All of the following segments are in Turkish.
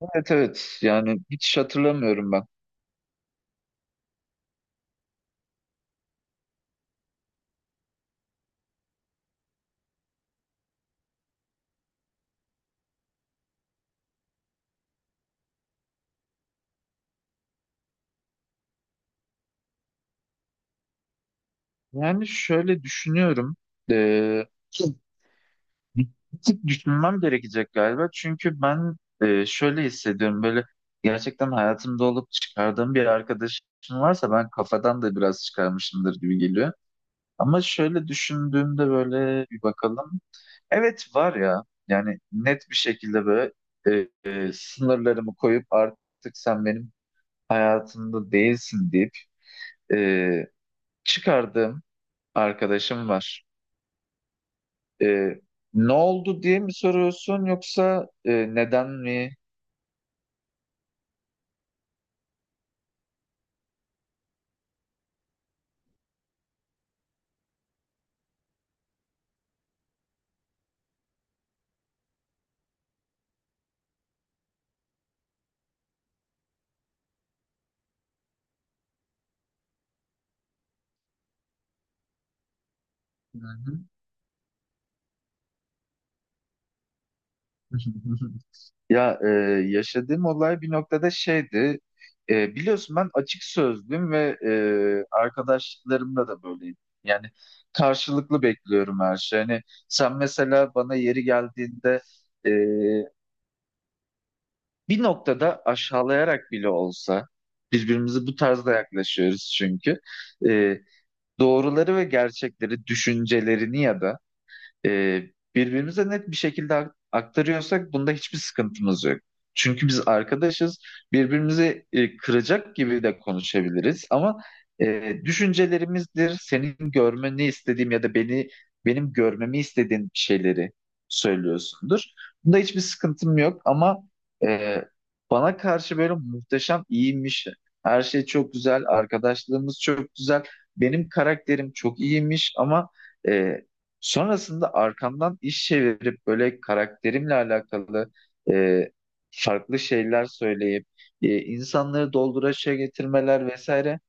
Evet evet yani hiç hatırlamıyorum ben. Yani şöyle düşünüyorum. Ee, Bir tık düşünmem gerekecek galiba. Çünkü ben şöyle hissediyorum böyle gerçekten hayatımda olup çıkardığım bir arkadaşım varsa ben kafadan da biraz çıkarmışımdır gibi geliyor. Ama şöyle düşündüğümde böyle bir bakalım. Evet var ya, yani net bir şekilde böyle sınırlarımı koyup artık sen benim hayatımda değilsin deyip çıkardığım arkadaşım var. Ee, Ne oldu diye mi soruyorsun yoksa neden mi? Hı hı. Ya yaşadığım olay bir noktada şeydi. E, biliyorsun ben açık sözlüyüm ve arkadaşlarımla da böyleyim. Yani karşılıklı bekliyorum her şey. Hani sen mesela bana yeri geldiğinde, e, bir noktada aşağılayarak bile olsa birbirimizi bu tarzda yaklaşıyoruz çünkü. E, Doğruları ve gerçekleri, düşüncelerini ya da e, birbirimize net bir şekilde aktarıyorsak bunda hiçbir sıkıntımız yok. Çünkü biz arkadaşız, birbirimizi kıracak gibi de konuşabiliriz ama düşüncelerimizdir, senin görmeni istediğim ya da benim görmemi istediğin şeyleri söylüyorsundur. Bunda hiçbir sıkıntım yok ama e, bana karşı böyle muhteşem iyiymiş, her şey çok güzel, arkadaşlığımız çok güzel, benim karakterim çok iyiymiş ama e, sonrasında arkamdan iş çevirip böyle karakterimle alakalı e, farklı şeyler söyleyip insanları dolduraşa getirmeler vesaire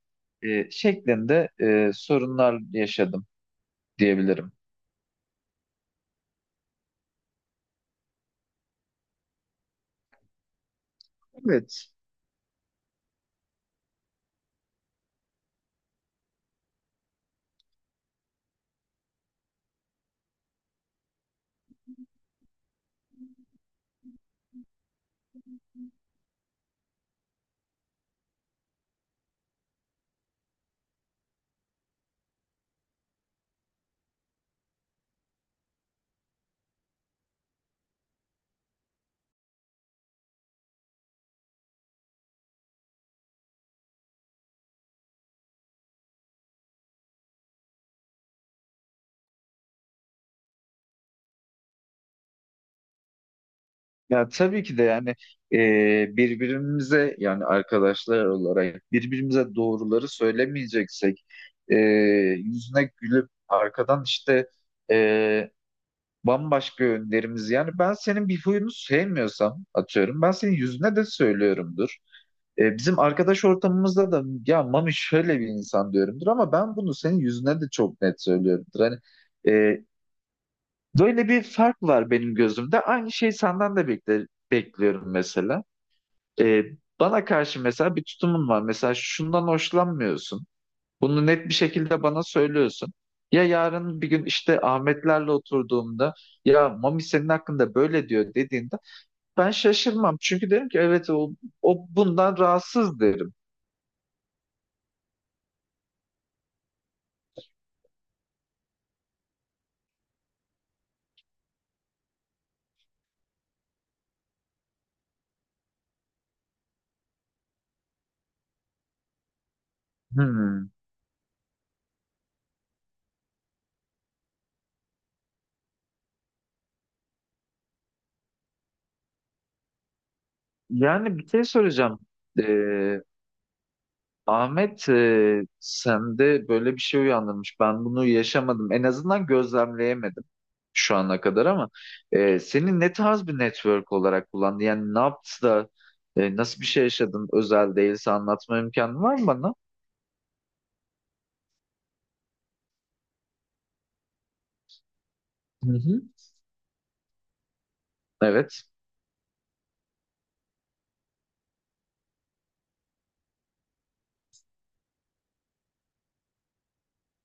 şeklinde sorunlar yaşadım diyebilirim. Evet. Ya tabii ki de, yani birbirimize, yani arkadaşlar olarak birbirimize doğruları söylemeyeceksek yüzüne gülüp arkadan işte e, bambaşka yönlerimiz. Yani ben senin bir huyunu sevmiyorsam, atıyorum, ben senin yüzüne de söylüyorumdur. E, bizim arkadaş ortamımızda da ya Mami şöyle bir insan diyorumdur, ama ben bunu senin yüzüne de çok net söylüyorumdur. Hani e, böyle bir fark var benim gözümde. Aynı şeyi senden de bekliyorum mesela. E, bana karşı mesela bir tutumun var. Mesela şundan hoşlanmıyorsun. Bunu net bir şekilde bana söylüyorsun. Ya yarın bir gün işte Ahmetlerle oturduğumda, ya Mami senin hakkında böyle diyor dediğinde, ben şaşırmam. Çünkü derim ki evet o bundan rahatsız, derim. Hmm. Yani bir şey soracağım. Ahmet, sende böyle bir şey uyandırmış. Ben bunu yaşamadım. En azından gözlemleyemedim şu ana kadar, ama senin ne tarz bir network olarak kullandın? Yani ne yaptı da nasıl bir şey yaşadın? Özel değilse anlatma imkanın var mı bana? Hı hı. Evet.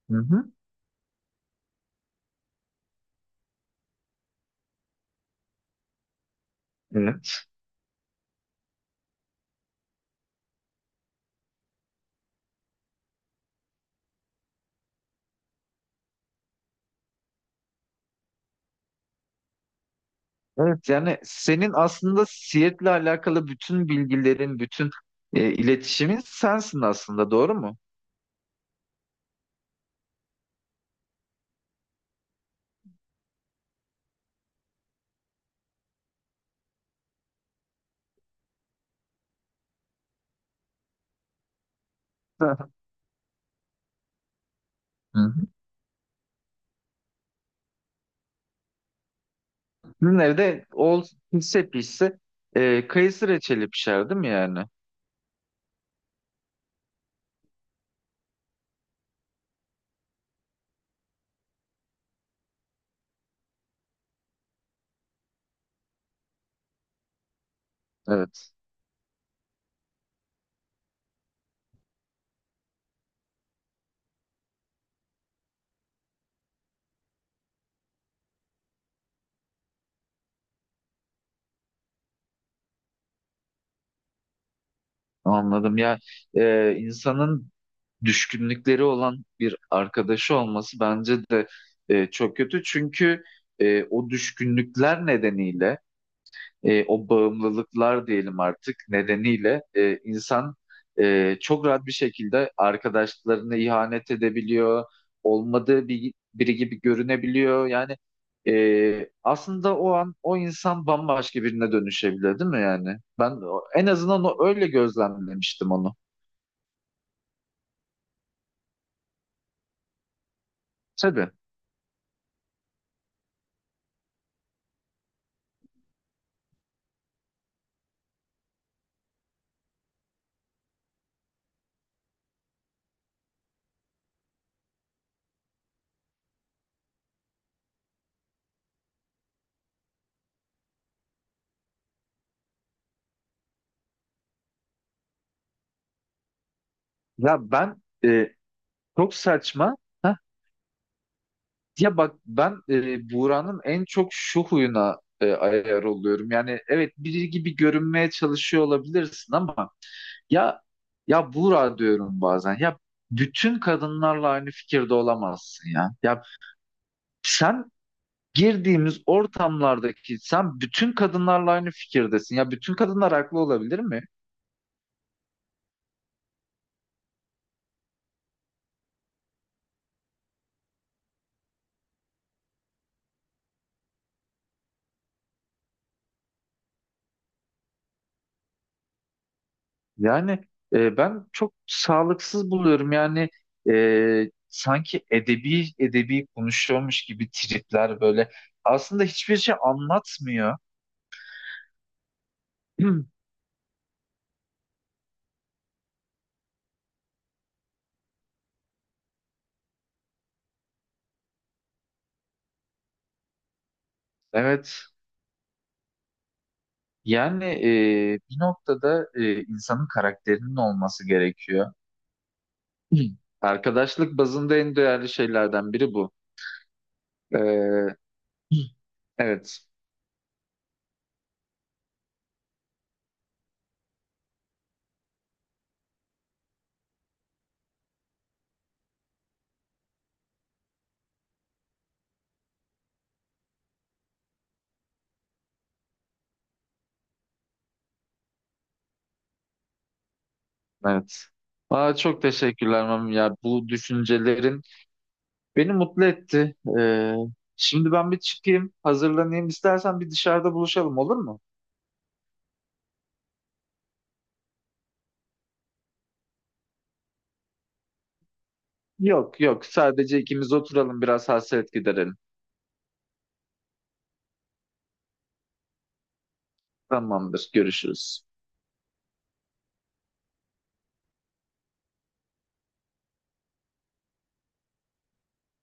Hı hı. Evet. Evet, yani senin aslında Seattle'le alakalı bütün bilgilerin, bütün iletişimin sensin aslında, doğru mu? Hı hı. Sizin evde o pişse pişse kayısı reçeli pişer, değil mi yani? Evet. Anladım ya. E, insanın düşkünlükleri olan bir arkadaşı olması bence de çok kötü. Çünkü o düşkünlükler nedeniyle o bağımlılıklar diyelim artık nedeniyle insan çok rahat bir şekilde arkadaşlarına ihanet edebiliyor, olmadığı biri gibi görünebiliyor. Yani aslında o an o insan bambaşka birine dönüşebilir, değil mi yani? Ben en azından öyle gözlemlemiştim onu. Tabii. Ya ben çok saçma. Ya bak ben Buğra'nın en çok şu huyuna ayar oluyorum. Yani evet, biri gibi görünmeye çalışıyor olabilirsin, ama ya Buğra diyorum bazen. Ya bütün kadınlarla aynı fikirde olamazsın ya. Ya sen girdiğimiz ortamlardaki sen bütün kadınlarla aynı fikirdesin. Ya bütün kadınlar haklı olabilir mi? Yani ben çok sağlıksız buluyorum. Yani sanki edebi edebi konuşuyormuş gibi tripler böyle. Aslında hiçbir şey anlatmıyor. Evet. Yani bir noktada insanın karakterinin olması gerekiyor. Arkadaşlık bazında en değerli şeylerden biri bu. E, evet. Evet. Aa, çok teşekkürler Mami ya. Bu düşüncelerin beni mutlu etti. Şimdi ben bir çıkayım, hazırlanayım. İstersen bir dışarıda buluşalım, olur mu? Yok yok, sadece ikimiz oturalım, biraz hasret giderelim. Tamamdır, görüşürüz.